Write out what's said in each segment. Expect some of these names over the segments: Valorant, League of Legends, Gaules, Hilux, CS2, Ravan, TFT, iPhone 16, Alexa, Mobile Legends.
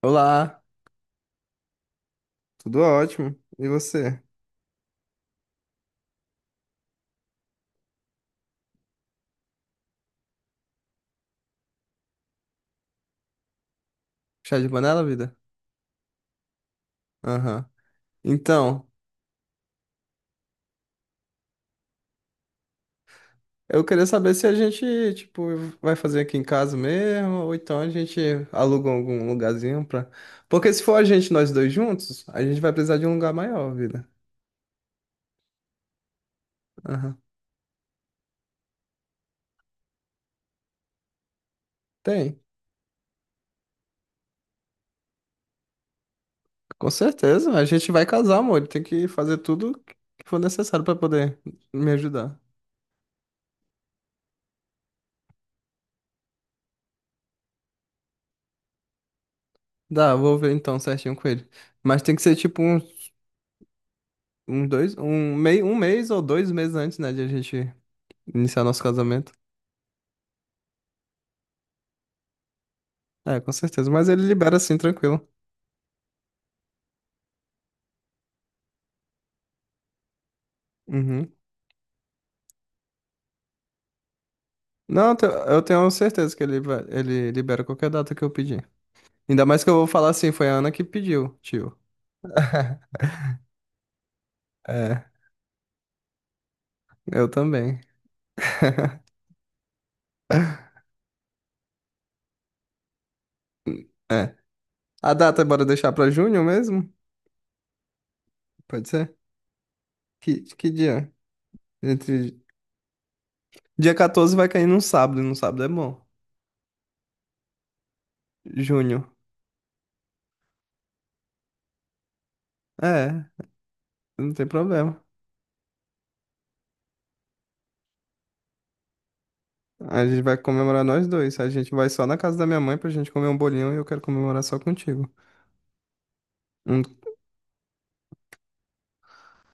Olá, tudo ótimo. E você? Chá de panela, vida? Aham. Então, eu queria saber se a gente, tipo, vai fazer aqui em casa mesmo, ou então a gente aluga algum lugarzinho pra. Porque se for a gente, nós dois juntos, a gente vai precisar de um lugar maior, vida. Aham. Tem, com certeza. A gente vai casar, amor. Tem que fazer tudo que for necessário pra poder me ajudar. Dá, eu vou ver então certinho com ele. Mas tem que ser tipo uns dois, um mês ou dois meses antes, né, de a gente iniciar nosso casamento. É, com certeza. Mas ele libera assim, tranquilo. Uhum. Não, eu tenho certeza que ele libera qualquer data que eu pedir. Ainda mais que eu vou falar assim, foi a Ana que pediu, tio. É, eu também. É. A data, bora deixar pra junho mesmo? Pode ser? Que dia? Entre. Dia 14 vai cair num sábado, e num sábado é bom. Junho. É, não tem problema. A gente vai comemorar nós dois. A gente vai só na casa da minha mãe pra gente comer um bolinho e eu quero comemorar só contigo. Hum,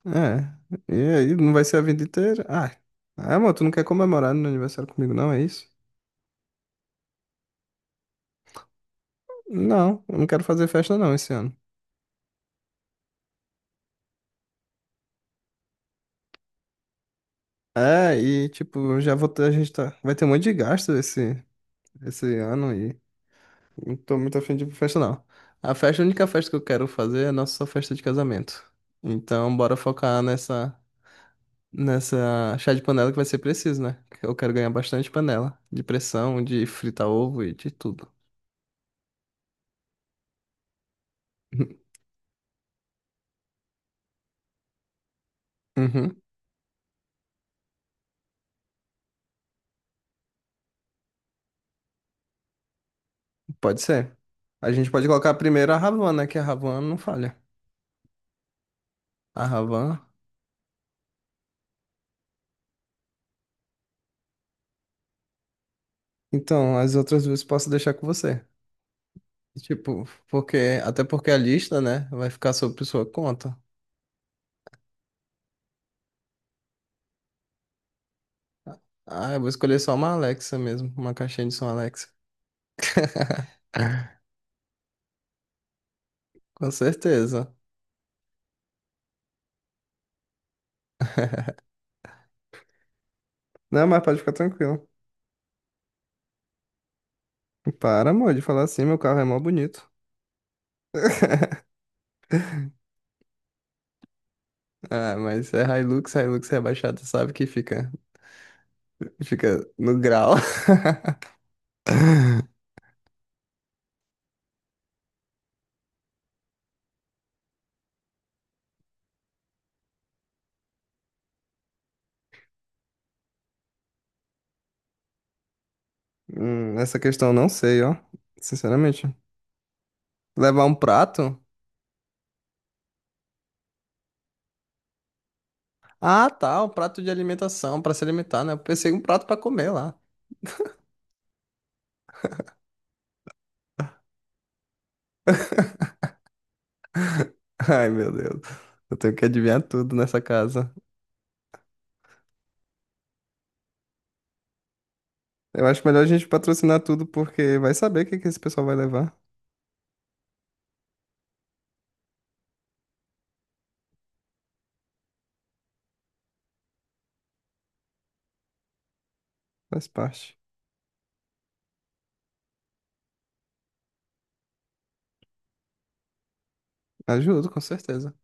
é. E aí, não vai ser a vida inteira? Ah, amor, tu não quer comemorar no aniversário comigo, não? É isso? Não, eu não quero fazer festa não esse ano. É, e tipo, já vou ter, a gente tá, vai ter um monte de gasto esse ano e não tô muito afim de ir pra festa não. A festa, a única festa que eu quero fazer é a nossa festa de casamento. Então, bora focar nessa chá de panela que vai ser preciso, né? Eu quero ganhar bastante panela de pressão, de fritar ovo e de tudo. Uhum, pode ser. A gente pode colocar primeiro a Ravan, né? Que a Ravan não falha. A Ravan. Então, as outras duas posso deixar com você. Tipo, porque até porque a lista, né, vai ficar sob sua conta. Ah, eu vou escolher só uma Alexa mesmo, uma caixinha de som Alexa. Com certeza. Não, mas pode ficar tranquilo. Para, amor, de falar assim, meu carro é mó bonito. Ah, mas é Hilux, Hilux rebaixado, sabe que fica no grau. Essa questão eu não sei, ó. Sinceramente. Levar um prato? Ah, tá, um prato de alimentação, pra se alimentar, né? Eu pensei em um prato pra comer lá. Ai, meu Deus. Eu tenho que adivinhar tudo nessa casa. Eu acho melhor a gente patrocinar tudo, porque vai saber o que que esse pessoal vai levar. Faz parte. Ajudo, com certeza.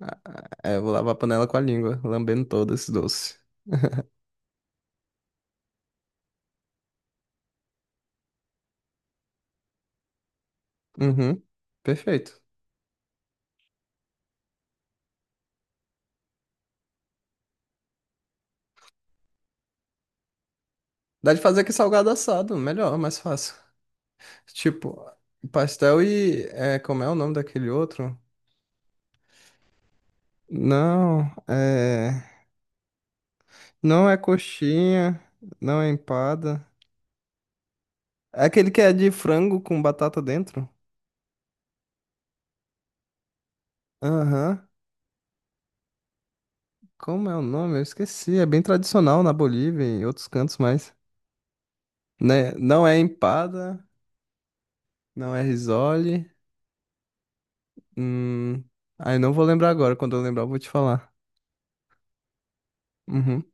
Ah, é, eu vou lavar a panela com a língua, lambendo todo esse doce. Uhum. Perfeito. Dá de fazer que salgado assado, melhor, mais fácil. Tipo, pastel e. É, como é o nome daquele outro? Não, é. Não é coxinha, não é empada. É aquele que é de frango com batata dentro? Aham. Como é o nome? Eu esqueci. É bem tradicional na Bolívia e em outros cantos, mais. Né? Não é empada, não é risole. Hum. Aí não vou lembrar agora. Quando eu lembrar, eu vou te falar. Uhum.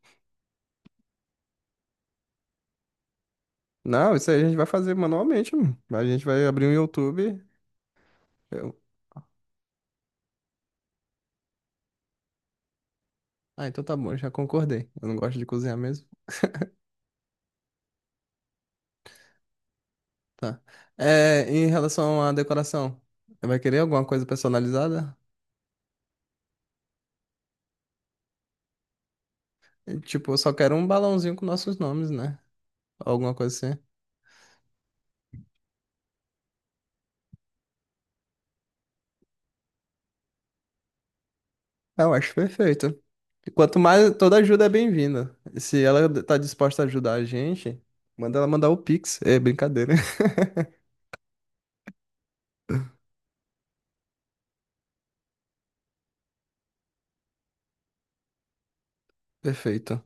Não, isso aí a gente vai fazer manualmente, mano. A gente vai abrir um YouTube. Eu. Ah, então tá bom, já concordei. Eu não gosto de cozinhar mesmo. Tá. É, em relação à decoração, vai querer alguma coisa personalizada? É, tipo, eu só quero um balãozinho com nossos nomes, né? Alguma coisa assim. Ah, eu acho perfeito. E quanto mais, toda ajuda é bem-vinda. Se ela tá disposta a ajudar a gente, manda ela mandar o Pix. É brincadeira. Perfeito.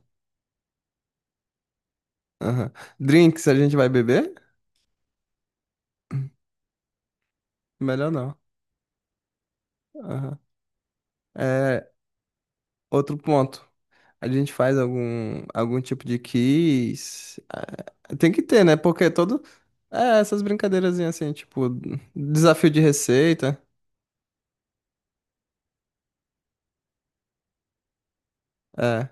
Aham. Drinks a gente vai beber? Melhor não. Aham. É, outro ponto. A gente faz algum tipo de quiz. Ah, tem que ter, né? Porque todo. É, essas brincadeirazinhas assim, tipo, desafio de receita. É,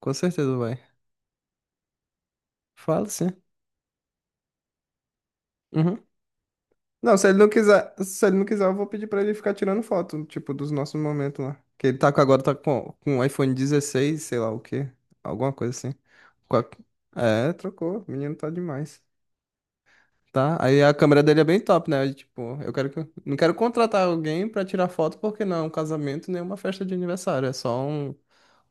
com certeza vai. Fala sim. Uhum. Não, se ele não quiser, se ele não quiser, eu vou pedir pra ele ficar tirando foto, tipo, dos nossos momentos lá. Que ele tá com agora, tá com um iPhone 16, sei lá o quê. Alguma coisa assim. Com a- É, trocou. O menino tá demais. Tá? Aí a câmera dele é bem top, né? Aí, tipo, eu quero que. Não quero contratar alguém pra tirar foto porque não é um casamento nem uma festa de aniversário, é só um,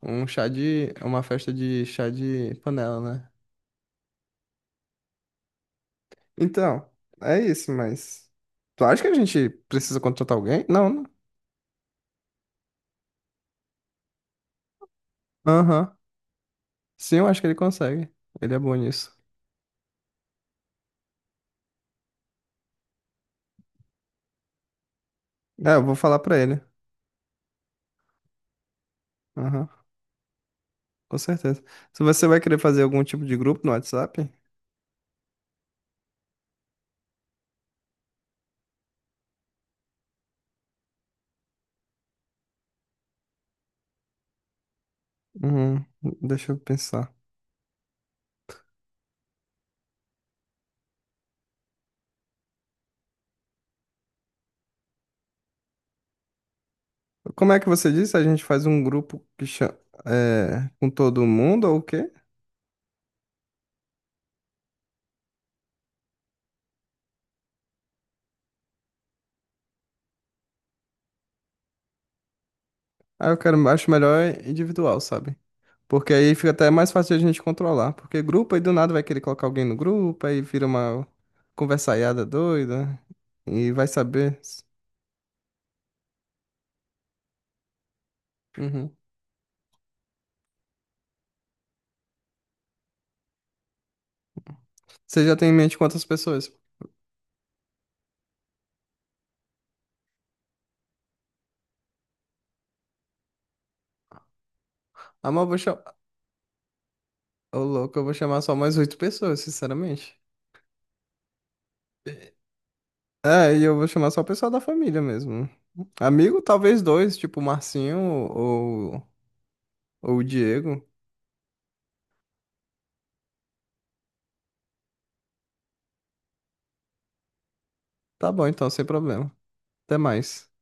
um chá de uma festa de chá de panela, né? Então, é isso, mas tu acha que a gente precisa contratar alguém? Não, né? Aham. Sim, eu acho que ele consegue. Ele é bom nisso. É, eu vou falar pra ele. Aham. Com certeza. Se você vai querer fazer algum tipo de grupo no WhatsApp? Hum, Deixa eu pensar. Como é que você disse? A gente faz um grupo é, com todo mundo ou o quê? Ah, eu quero, acho melhor individual, sabe? Porque aí fica até mais fácil de a gente controlar. Porque grupo aí do nada vai querer colocar alguém no grupo, aí vira uma conversaiada doida e vai saber. Uhum. Você já tem em mente quantas pessoas? Ah, mas eu vou chamar. Ô, louco, eu vou chamar só mais oito pessoas, sinceramente. É, e eu vou chamar só o pessoal da família mesmo. Amigo, talvez dois, tipo o Marcinho ou o Diego. Tá bom, então, sem problema. Até mais.